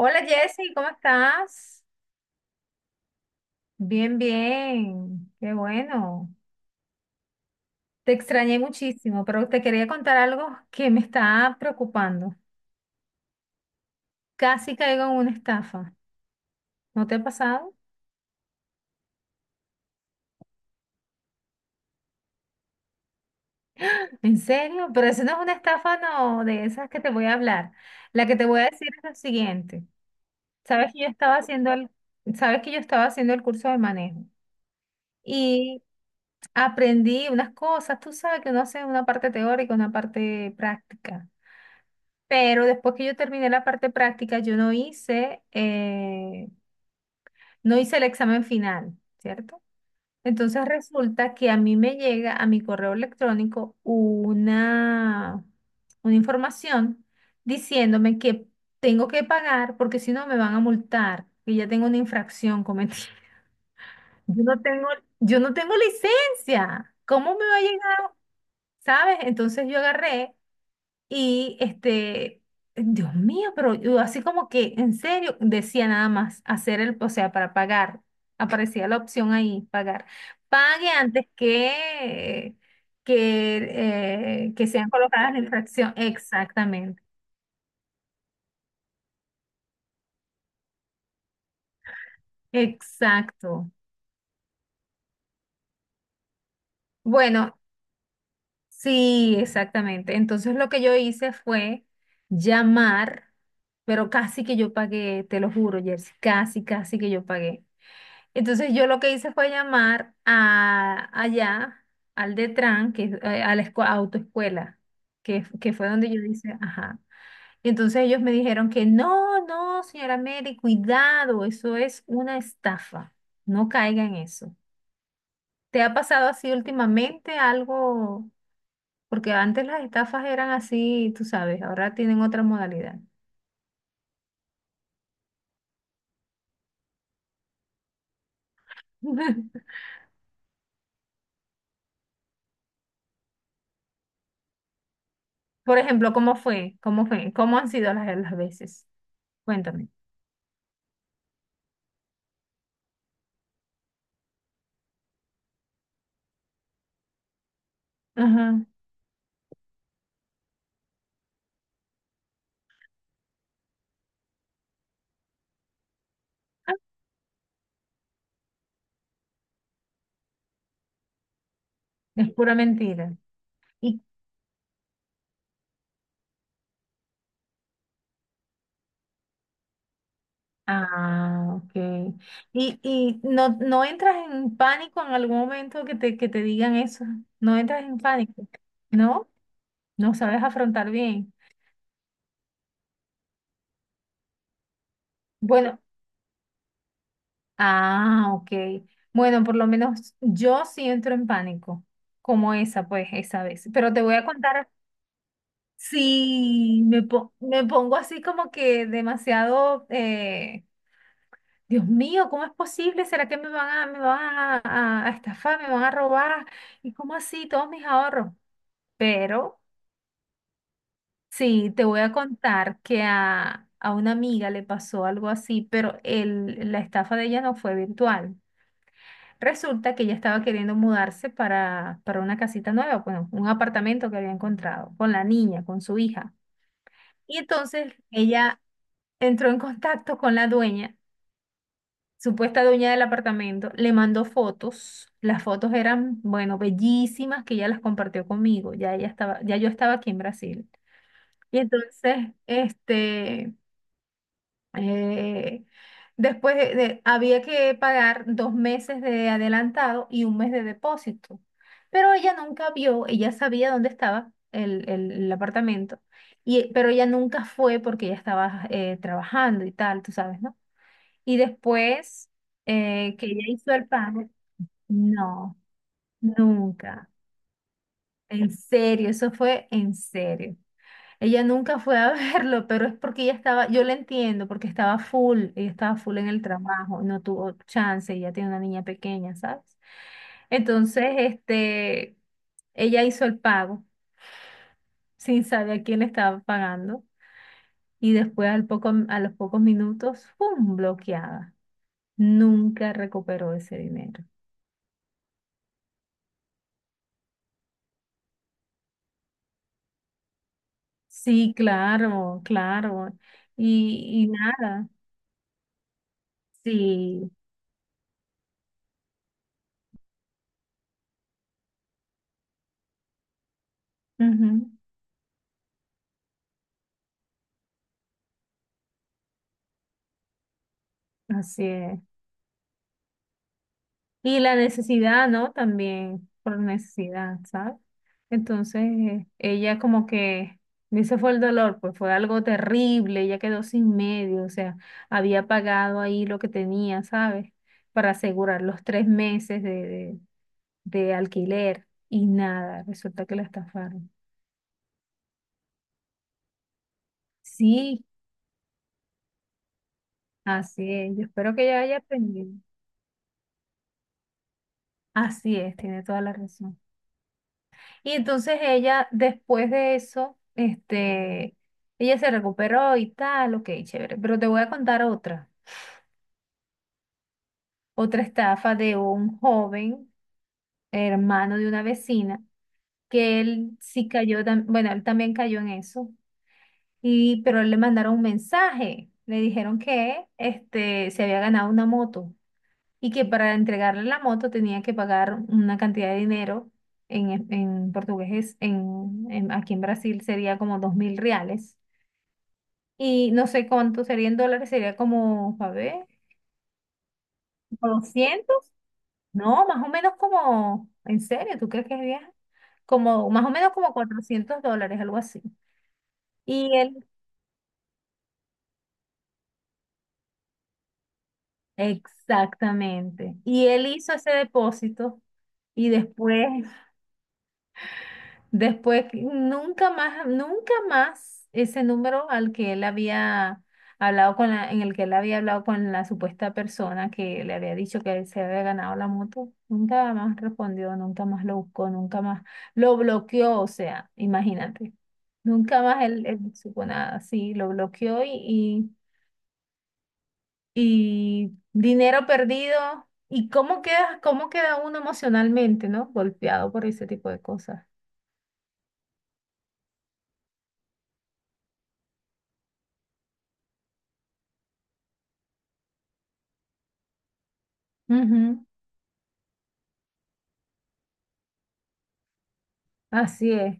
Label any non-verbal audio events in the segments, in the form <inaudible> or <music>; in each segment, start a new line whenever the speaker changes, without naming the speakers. Hola Jessy, ¿cómo estás? Bien, bien, qué bueno. Te extrañé muchísimo, pero te quería contar algo que me está preocupando. Casi caigo en una estafa. ¿No te ha pasado? ¿En serio? Pero eso no es una estafa, no, de esas que te voy a hablar. La que te voy a decir es lo siguiente. Sabes que yo estaba haciendo el, sabes que yo estaba haciendo el curso de manejo. Y aprendí unas cosas, tú sabes que uno hace una parte teórica, una parte práctica. Pero después que yo terminé la parte práctica, yo no hice, no hice el examen final, ¿cierto? Entonces resulta que a mí me llega a mi correo electrónico una información diciéndome que tengo que pagar porque si no me van a multar, que ya tengo una infracción cometida. Yo no tengo, yo no tengo licencia. ¿Cómo me va a llegar? ¿Sabes? Entonces yo agarré y Dios mío, pero yo así como que en serio decía nada más hacer el, o sea, para pagar. Aparecía la opción ahí, pagar. Pague antes que, que sean colocadas la infracción. Exactamente. Exacto. Bueno, sí, exactamente. Entonces lo que yo hice fue llamar, pero casi que yo pagué, te lo juro, Jersey, casi, casi que yo pagué. Entonces yo lo que hice fue llamar a allá, al Detran, que es a la autoescuela, que fue donde yo hice, ajá. Y entonces ellos me dijeron que no, no, señora Mary, cuidado, eso es una estafa. No caiga en eso. ¿Te ha pasado así últimamente algo? Porque antes las estafas eran así, tú sabes, ahora tienen otra modalidad. <laughs> Por ejemplo, ¿cómo fue? ¿Cómo fue? ¿Cómo han sido las veces? Cuéntame. Ajá. Ah, es pura mentira. Y, ah, ok. ¿Y no, no entras en pánico en algún momento que te digan eso? ¿No entras en pánico? ¿No? ¿No sabes afrontar bien? Bueno, ah, ok. Bueno, por lo menos yo sí entro en pánico, como esa, pues, esa vez. Pero te voy a contar, sí, me pongo así como que demasiado, Dios mío, ¿cómo es posible? ¿Será que me van a estafar, me van a robar? ¿Y cómo así todos mis ahorros? Pero sí, te voy a contar que a una amiga le pasó algo así, pero la estafa de ella no fue virtual. Resulta que ella estaba queriendo mudarse para una casita nueva, bueno, un apartamento que había encontrado con la niña, con su hija. Y entonces ella entró en contacto con la dueña, supuesta dueña del apartamento, le mandó fotos. Las fotos eran, bueno, bellísimas que ella las compartió conmigo. Ya yo estaba aquí en Brasil. Y entonces, Eh, después había que pagar 2 meses de adelantado y un mes de depósito. Pero ella nunca vio, ella sabía dónde estaba el apartamento, y, pero ella nunca fue porque ella estaba trabajando y tal, tú sabes, ¿no? Y después que ella hizo el pago, no, nunca. En serio, eso fue en serio. Ella nunca fue a <laughs> verlo, pero es porque ella estaba, yo la entiendo, porque estaba full, ella estaba full en el trabajo, no tuvo chance, ella tiene una niña pequeña, ¿sabes? Entonces, este, ella hizo el pago sin saber a quién le estaba pagando y después a los pocos minutos, ¡pum!, bloqueada. Nunca recuperó ese dinero. Sí, claro, claro. Y nada, sí, ujú, así es. Y la necesidad, ¿no? También por necesidad, ¿sabes? Entonces, ella como que, ese fue el dolor, pues fue algo terrible, ella quedó sin medio, o sea, había pagado ahí lo que tenía, ¿sabes? Para asegurar los 3 meses de alquiler y nada, resulta que la estafaron. Sí, así es, yo espero que ella haya aprendido. Así es, tiene toda la razón. Y entonces ella, después de eso, este, ella se recuperó y tal, ok, chévere. Pero te voy a contar otra estafa de un joven hermano de una vecina, que él sí cayó, bueno, él también cayó en eso, pero le mandaron un mensaje, le dijeron que se había ganado una moto y que para entregarle la moto tenía que pagar una cantidad de dinero, en portugués, aquí en Brasil sería como 2000 reales. Y no sé cuánto sería en dólares, sería como, a ver, como 200, no, más o menos como, en serio, ¿tú crees que es viaje? Como, más o menos como 400 dólares, algo así. Y él, exactamente, y él hizo ese depósito y después, nunca más, nunca más ese número al que él había hablado con la, en el que él había hablado con la supuesta persona que le había dicho que él se había ganado la moto, nunca más respondió, nunca más lo buscó, nunca más lo bloqueó, o sea, imagínate, nunca más él supo nada, sí, lo bloqueó y dinero perdido. ¿Y cómo queda uno emocionalmente, ¿no? Golpeado por ese tipo de cosas. Ujú, así es.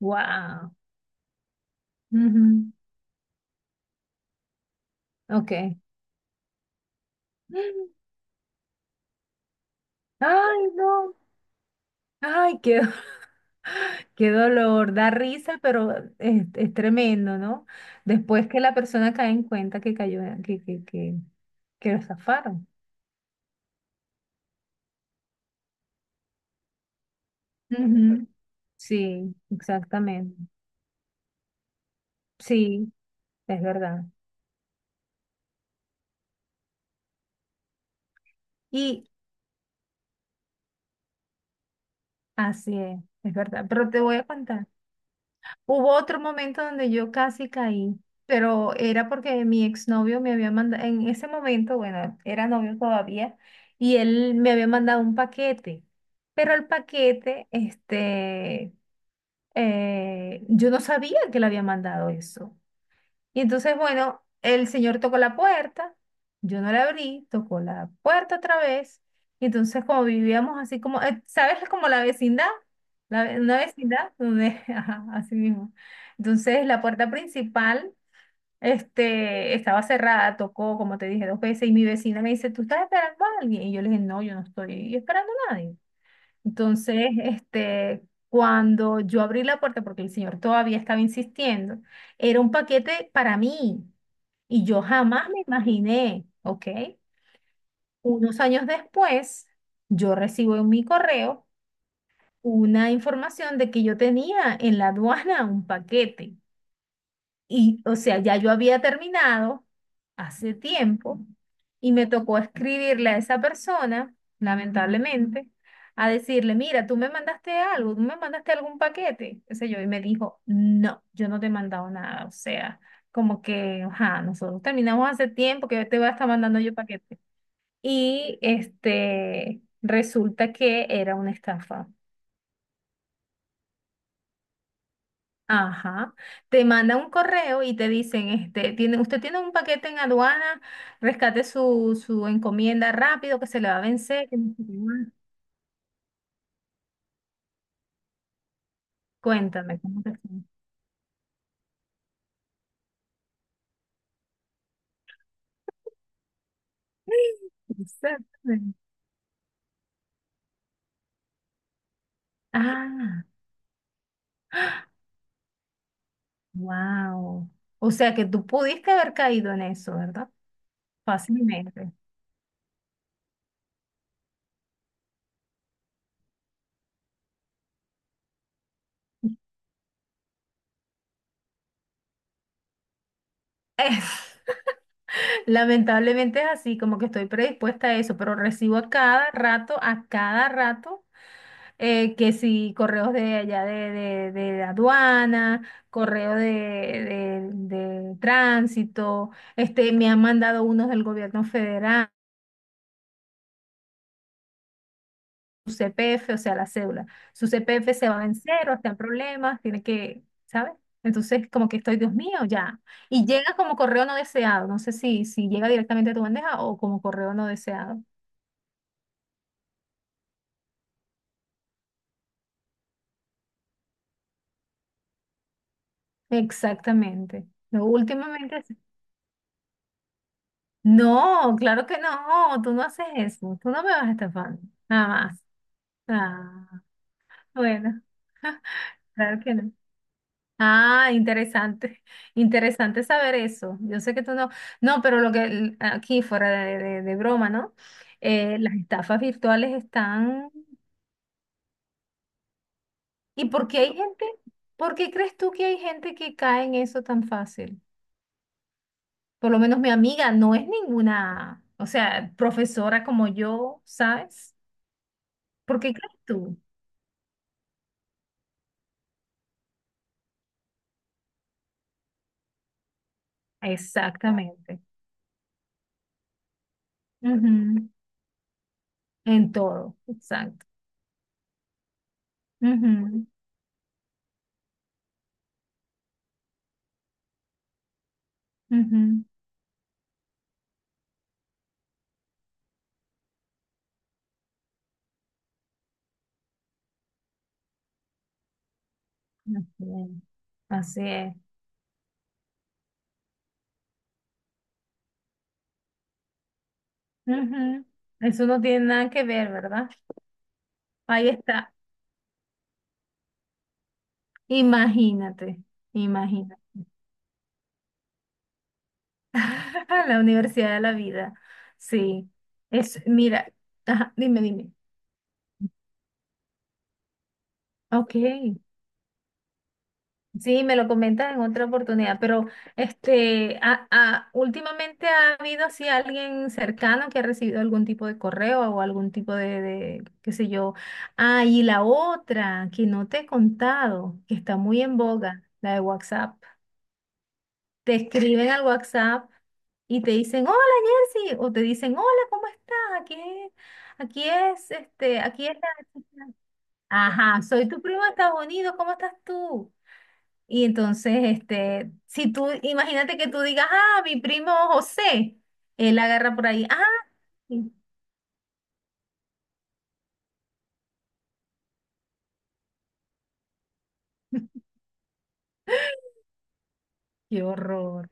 Wow. Ok. Ay, no. Ay, <laughs> qué dolor. Da risa, pero es tremendo, ¿no? Después que la persona cae en cuenta que cayó, que lo zafaron. Ujú. Sí, exactamente. Sí, es verdad. Y así es verdad. Pero te voy a contar. Hubo otro momento donde yo casi caí, pero era porque mi exnovio me había mandado, en ese momento, bueno, era novio todavía, y él me había mandado un paquete, pero el paquete, este, yo no sabía que le había mandado eso. Y entonces, bueno, el señor tocó la puerta, yo no la abrí, tocó la puerta otra vez, y entonces como vivíamos así como, ¿sabes? <laughs> Como la vecindad, una vecindad donde, <laughs> ajá, así mismo. Entonces la puerta principal, estaba cerrada, tocó, como te dije, 2 veces, y mi vecina me dice, ¿tú estás esperando a alguien? Y yo le dije, no, yo no estoy esperando a nadie. Entonces, cuando yo abrí la puerta, porque el señor todavía estaba insistiendo, era un paquete para mí. Y yo jamás me imaginé, ¿ok? Unos años después, yo recibo en mi correo una información de que yo tenía en la aduana un paquete. Y, o sea, ya yo había terminado hace tiempo y me tocó escribirle a esa persona, lamentablemente, a decirle, mira, tú me mandaste algo, tú me mandaste algún paquete, qué sé yo, y me dijo, no, yo no te he mandado nada, o sea, como que, ajá, nosotros terminamos hace tiempo que te voy a estar mandando yo paquete. Y resulta que era una estafa. Ajá. Te manda un correo y te dicen, usted tiene un paquete en aduana, rescate su, encomienda rápido que se le va a vencer, que no sé qué más. Cuéntame, ¿cómo te fue? Exactamente. Ah, wow. O sea que tú pudiste haber caído en eso, ¿verdad? Fácilmente. Es- <laughs> lamentablemente es así, como que estoy predispuesta a eso, pero recibo a cada rato, a cada rato. Que si correos de allá de aduana, correo de, de tránsito, me han mandado unos del gobierno federal, su CPF, o sea, la cédula. Su CPF se va en cero, está en problemas, tiene que, ¿sabes? Entonces, como que estoy, Dios mío, ya. Y llega como correo no deseado, no sé si llega directamente a tu bandeja o como correo no deseado. Exactamente. No, últimamente. No, claro que no, tú no haces eso, tú no me vas estafando, nada más. Ah, bueno, <laughs> claro que no. Ah, interesante, <laughs> interesante saber eso. Yo sé que tú no, no, pero lo que aquí fuera de, de broma, ¿no? Las estafas virtuales están... ¿Y por qué hay gente? ¿Por qué crees tú que hay gente que cae en eso tan fácil? Por lo menos mi amiga no es ninguna, o sea, profesora como yo, ¿sabes? ¿Por qué crees tú? Exactamente. Ujú. En todo, exacto. Ujú, ujú. Así es. Así es. Ujú. Eso no tiene nada que ver, ¿verdad? Ahí está. Imagínate, imagínate. <laughs> La universidad de la vida. Sí. Es, mira, ajá, dime, dime. Ok. Sí, me lo comentas en otra oportunidad, pero últimamente ha habido así alguien cercano que ha recibido algún tipo de correo o algún tipo qué sé yo. Ah, y la otra que no te he contado, que está muy en boga, la de WhatsApp. Te escriben al WhatsApp y te dicen, hola Jersey, o te dicen, hola, ¿cómo estás? Aquí, aquí es la... Ajá, soy tu primo de Estados Unidos, ¿cómo estás tú? Y entonces, si tú, imagínate que tú digas, ah, mi primo José, él agarra por ahí, ah, sí. <laughs> Qué horror,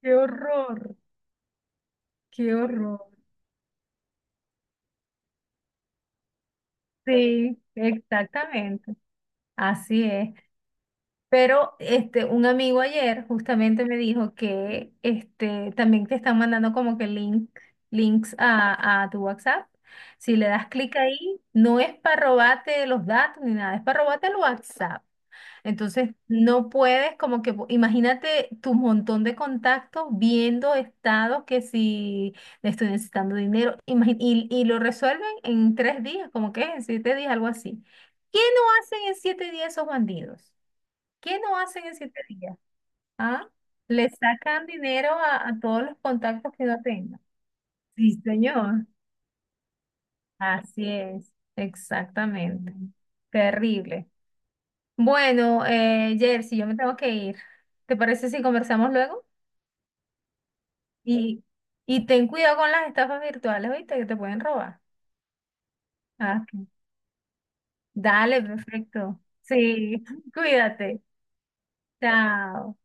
qué horror, qué horror. Sí, exactamente, así es. Pero un amigo ayer justamente me dijo que también te están mandando como que links a tu WhatsApp. Si le das clic ahí, no es para robarte los datos ni nada, es para robarte el WhatsApp. Entonces, no puedes como que, imagínate tu montón de contactos viendo estados que si le estoy necesitando dinero, y lo resuelven en 3 días, como que en 7 días, algo así. ¿Qué no hacen en 7 días esos bandidos? ¿Qué no hacen en siete días? ¿Ah? Le sacan dinero a todos los contactos que no tengan. Sí, señor. Así es, exactamente. Terrible. Bueno, Jersey, yo me tengo que ir. ¿Te parece si conversamos luego? Y, y ten cuidado con las estafas virtuales, ¿viste? Que te pueden robar. Ah, ok. Dale, perfecto. Sí, <laughs> cuídate. Chao.